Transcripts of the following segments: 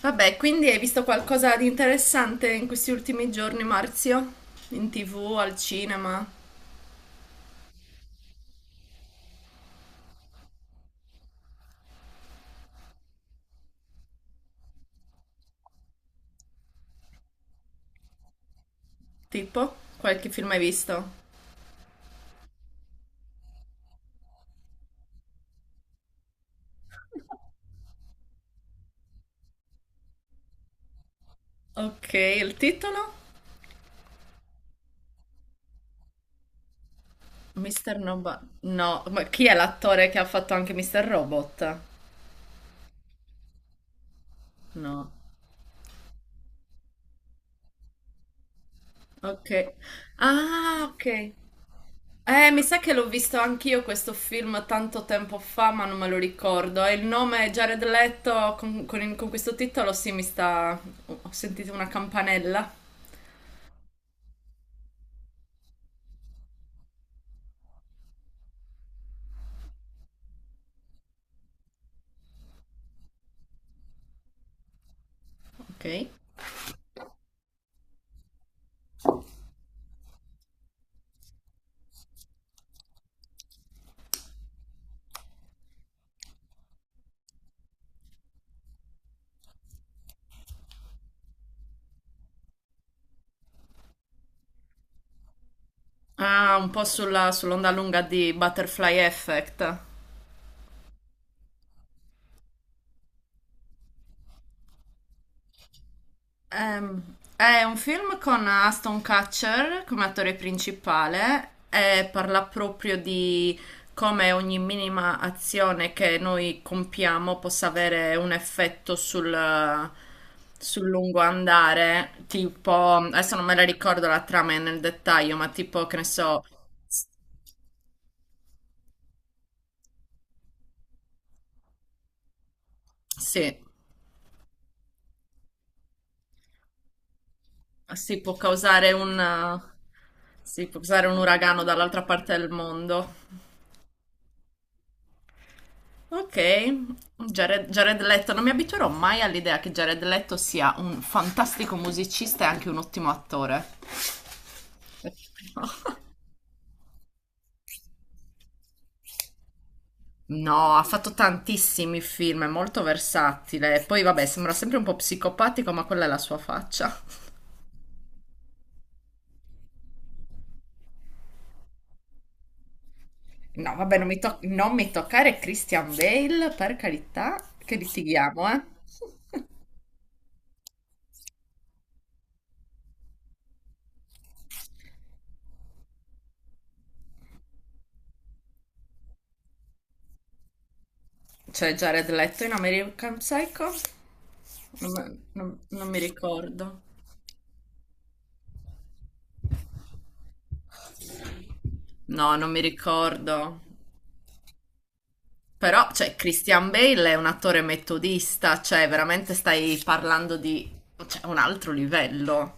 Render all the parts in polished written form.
Vabbè, quindi hai visto qualcosa di interessante in questi ultimi giorni, Marzio? In TV, al cinema? Tipo? Qualche film hai visto? Ok, il titolo? Mr. Nobody. No, ma chi è l'attore che ha fatto anche Mr. Robot? No. Ok. Ah, ok. Mi sa che l'ho visto anch'io questo film tanto tempo fa, ma non me lo ricordo. E il nome è Jared Leto con questo titolo, sì, mi sta. Ho sentito una campanella. Ok. Ah, un po' sull'onda lunga di Butterfly Effect. È un film con Aston Kutcher come attore principale e parla proprio di come ogni minima azione che noi compiamo possa avere un effetto sul lungo andare. Tipo, adesso non me la ricordo la trama nel dettaglio, ma tipo, che ne so, s- sì. Sì, sì, può causare un uragano dall'altra parte del mondo. Ok, Jared Leto, non mi abituerò mai all'idea che Jared Leto sia un fantastico musicista e anche un ottimo attore. No, ha fatto tantissimi film, è molto versatile. Poi vabbè, sembra sempre un po' psicopatico, ma quella è la sua faccia. No, vabbè, non mi toccare Christian Bale, per carità, che litighiamo, eh. Cioè Jared Leto in American Psycho? Non mi ricordo. No, non mi ricordo. Però, cioè, Christian Bale è un attore metodista, cioè, veramente stai parlando di, cioè, un altro livello.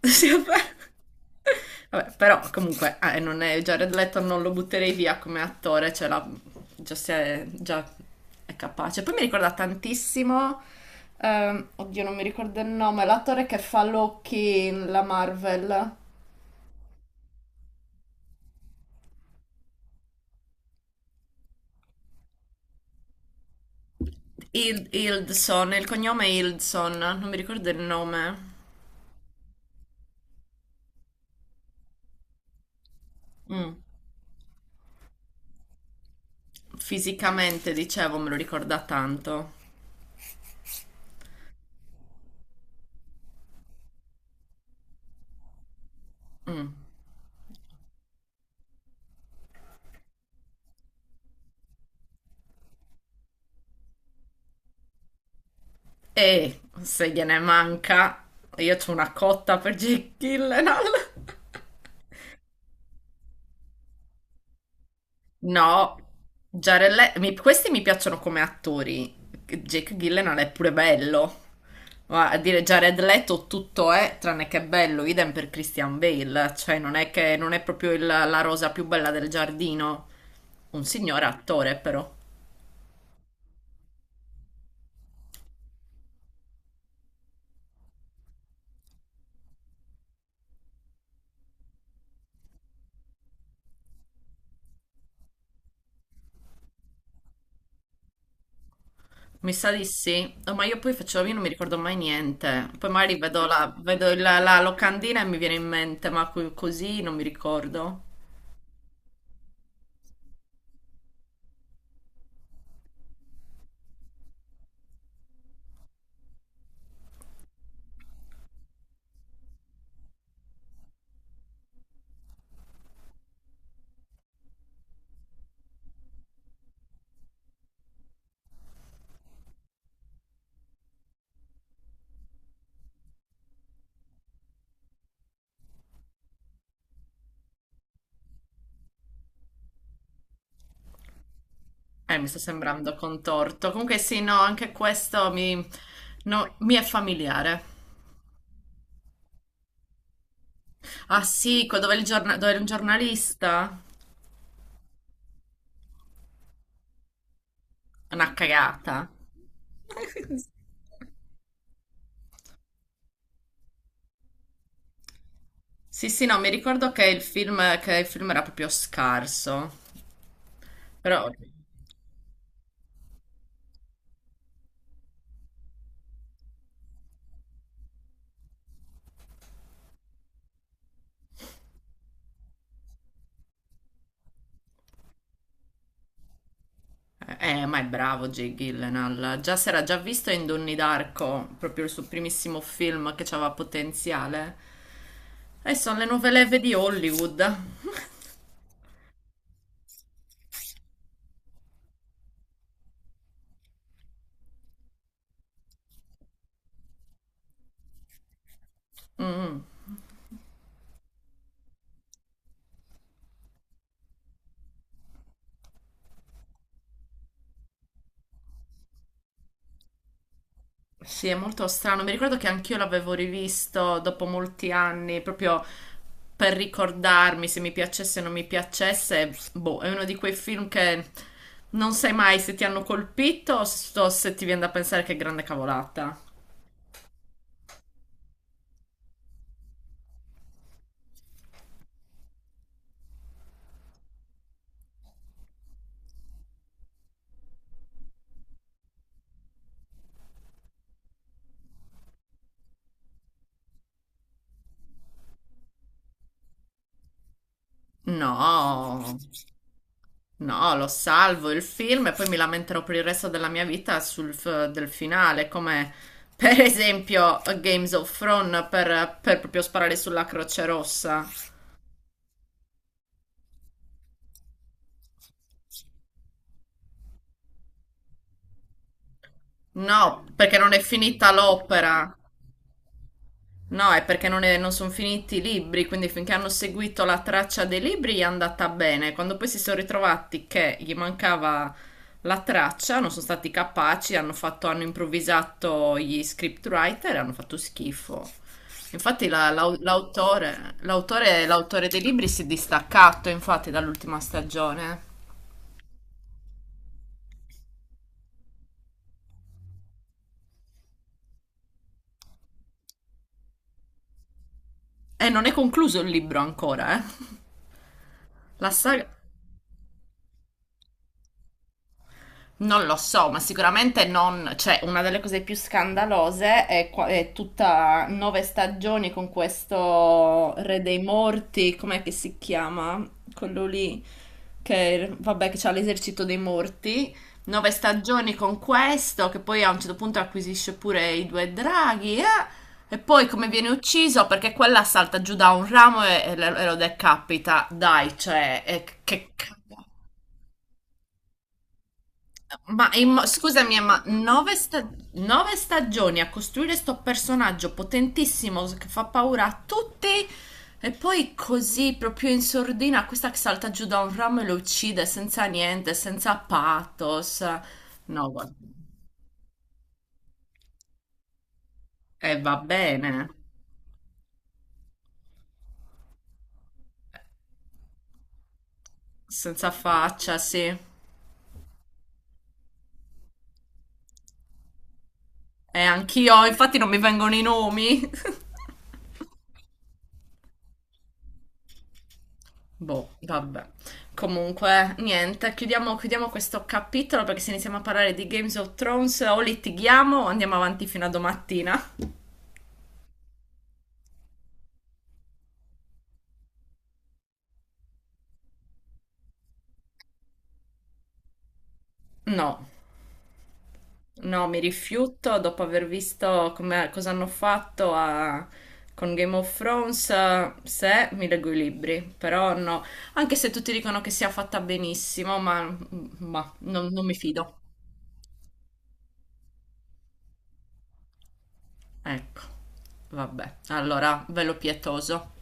Sì, vabbè. Vabbè, però comunque non è, Jared Leto non lo butterei via come attore, cioè già, già è capace. Poi mi ricorda tantissimo, oddio non mi ricordo il nome, l'attore che fa Loki in la Marvel. Hildson, il cognome è Hildson, non mi ricordo il nome. Mm. Fisicamente, dicevo, me lo ricorda tanto. Mm. E se gliene manca, io c'ho una cotta per Jake Gyllenhaal. No, questi mi piacciono come attori. Jake Gyllenhaal è pure bello. Ma a dire Jared Leto tutto è tranne che bello, idem per Christian Bale, cioè non è che non è proprio la rosa più bella del giardino. Un signore attore però. Mi sa di sì. Oh, ma io poi facevo, io non mi ricordo mai niente, poi magari la locandina e mi viene in mente, ma così non mi ricordo. Mi sta sembrando contorto. Comunque sì, no, anche questo no, mi è familiare. Ah sì, dove, dove era un giornalista? Una cagata. Sì, sì, no, mi ricordo che il film era proprio scarso, però. Eh, ma è bravo Jake Gyllenhaal. Già si era già visto in Donnie Darko, proprio il suo primissimo film che aveva potenziale. E sono le nuove leve di Hollywood. Mm. Sì, è molto strano. Mi ricordo che anch'io l'avevo rivisto dopo molti anni, proprio per ricordarmi se mi piacesse o non mi piacesse. Boh, è uno di quei film che non sai mai se ti hanno colpito o se ti viene da pensare che grande cavolata. No, no, lo salvo il film e poi mi lamenterò per il resto della mia vita del finale, come per esempio Games of Thrones per proprio sparare sulla Croce Rossa. No, perché non è finita l'opera. No, è perché non sono finiti i libri, quindi finché hanno seguito la traccia dei libri gli è andata bene. Quando poi si sono ritrovati che gli mancava la traccia, non sono stati capaci, hanno improvvisato gli scriptwriter e hanno fatto schifo. Infatti l'autore dei libri si è distaccato, infatti, dall'ultima stagione. E non è concluso il libro ancora, eh. La saga. Non lo so, ma sicuramente non, cioè una delle cose più scandalose è tutta nove stagioni con questo Re dei Morti, com'è che si chiama? Quello lì che vabbè che c'ha l'esercito dei morti, nove stagioni con questo che poi a un certo punto acquisisce pure i due draghi, eh? E poi come viene ucciso perché quella salta giù da un ramo e lo decapita. Dai, cioè, e che cavolo. Ma scusami, ma nove stagioni a costruire sto personaggio potentissimo che fa paura a tutti e poi così proprio in sordina questa che salta giù da un ramo e lo uccide senza niente, senza pathos. No, va bene, senza faccia, sì. E anch'io, infatti non mi vengono i nomi. Boh, vabbè. Comunque, niente, chiudiamo questo capitolo perché se iniziamo a parlare di Games of Thrones o litighiamo o andiamo avanti fino a domattina. No, no, mi rifiuto dopo aver visto cosa hanno fatto con Game of Thrones. Se mi leggo i libri, però no, anche se tutti dicono che sia fatta benissimo, ma non mi fido. Ecco, vabbè, allora, velo pietoso.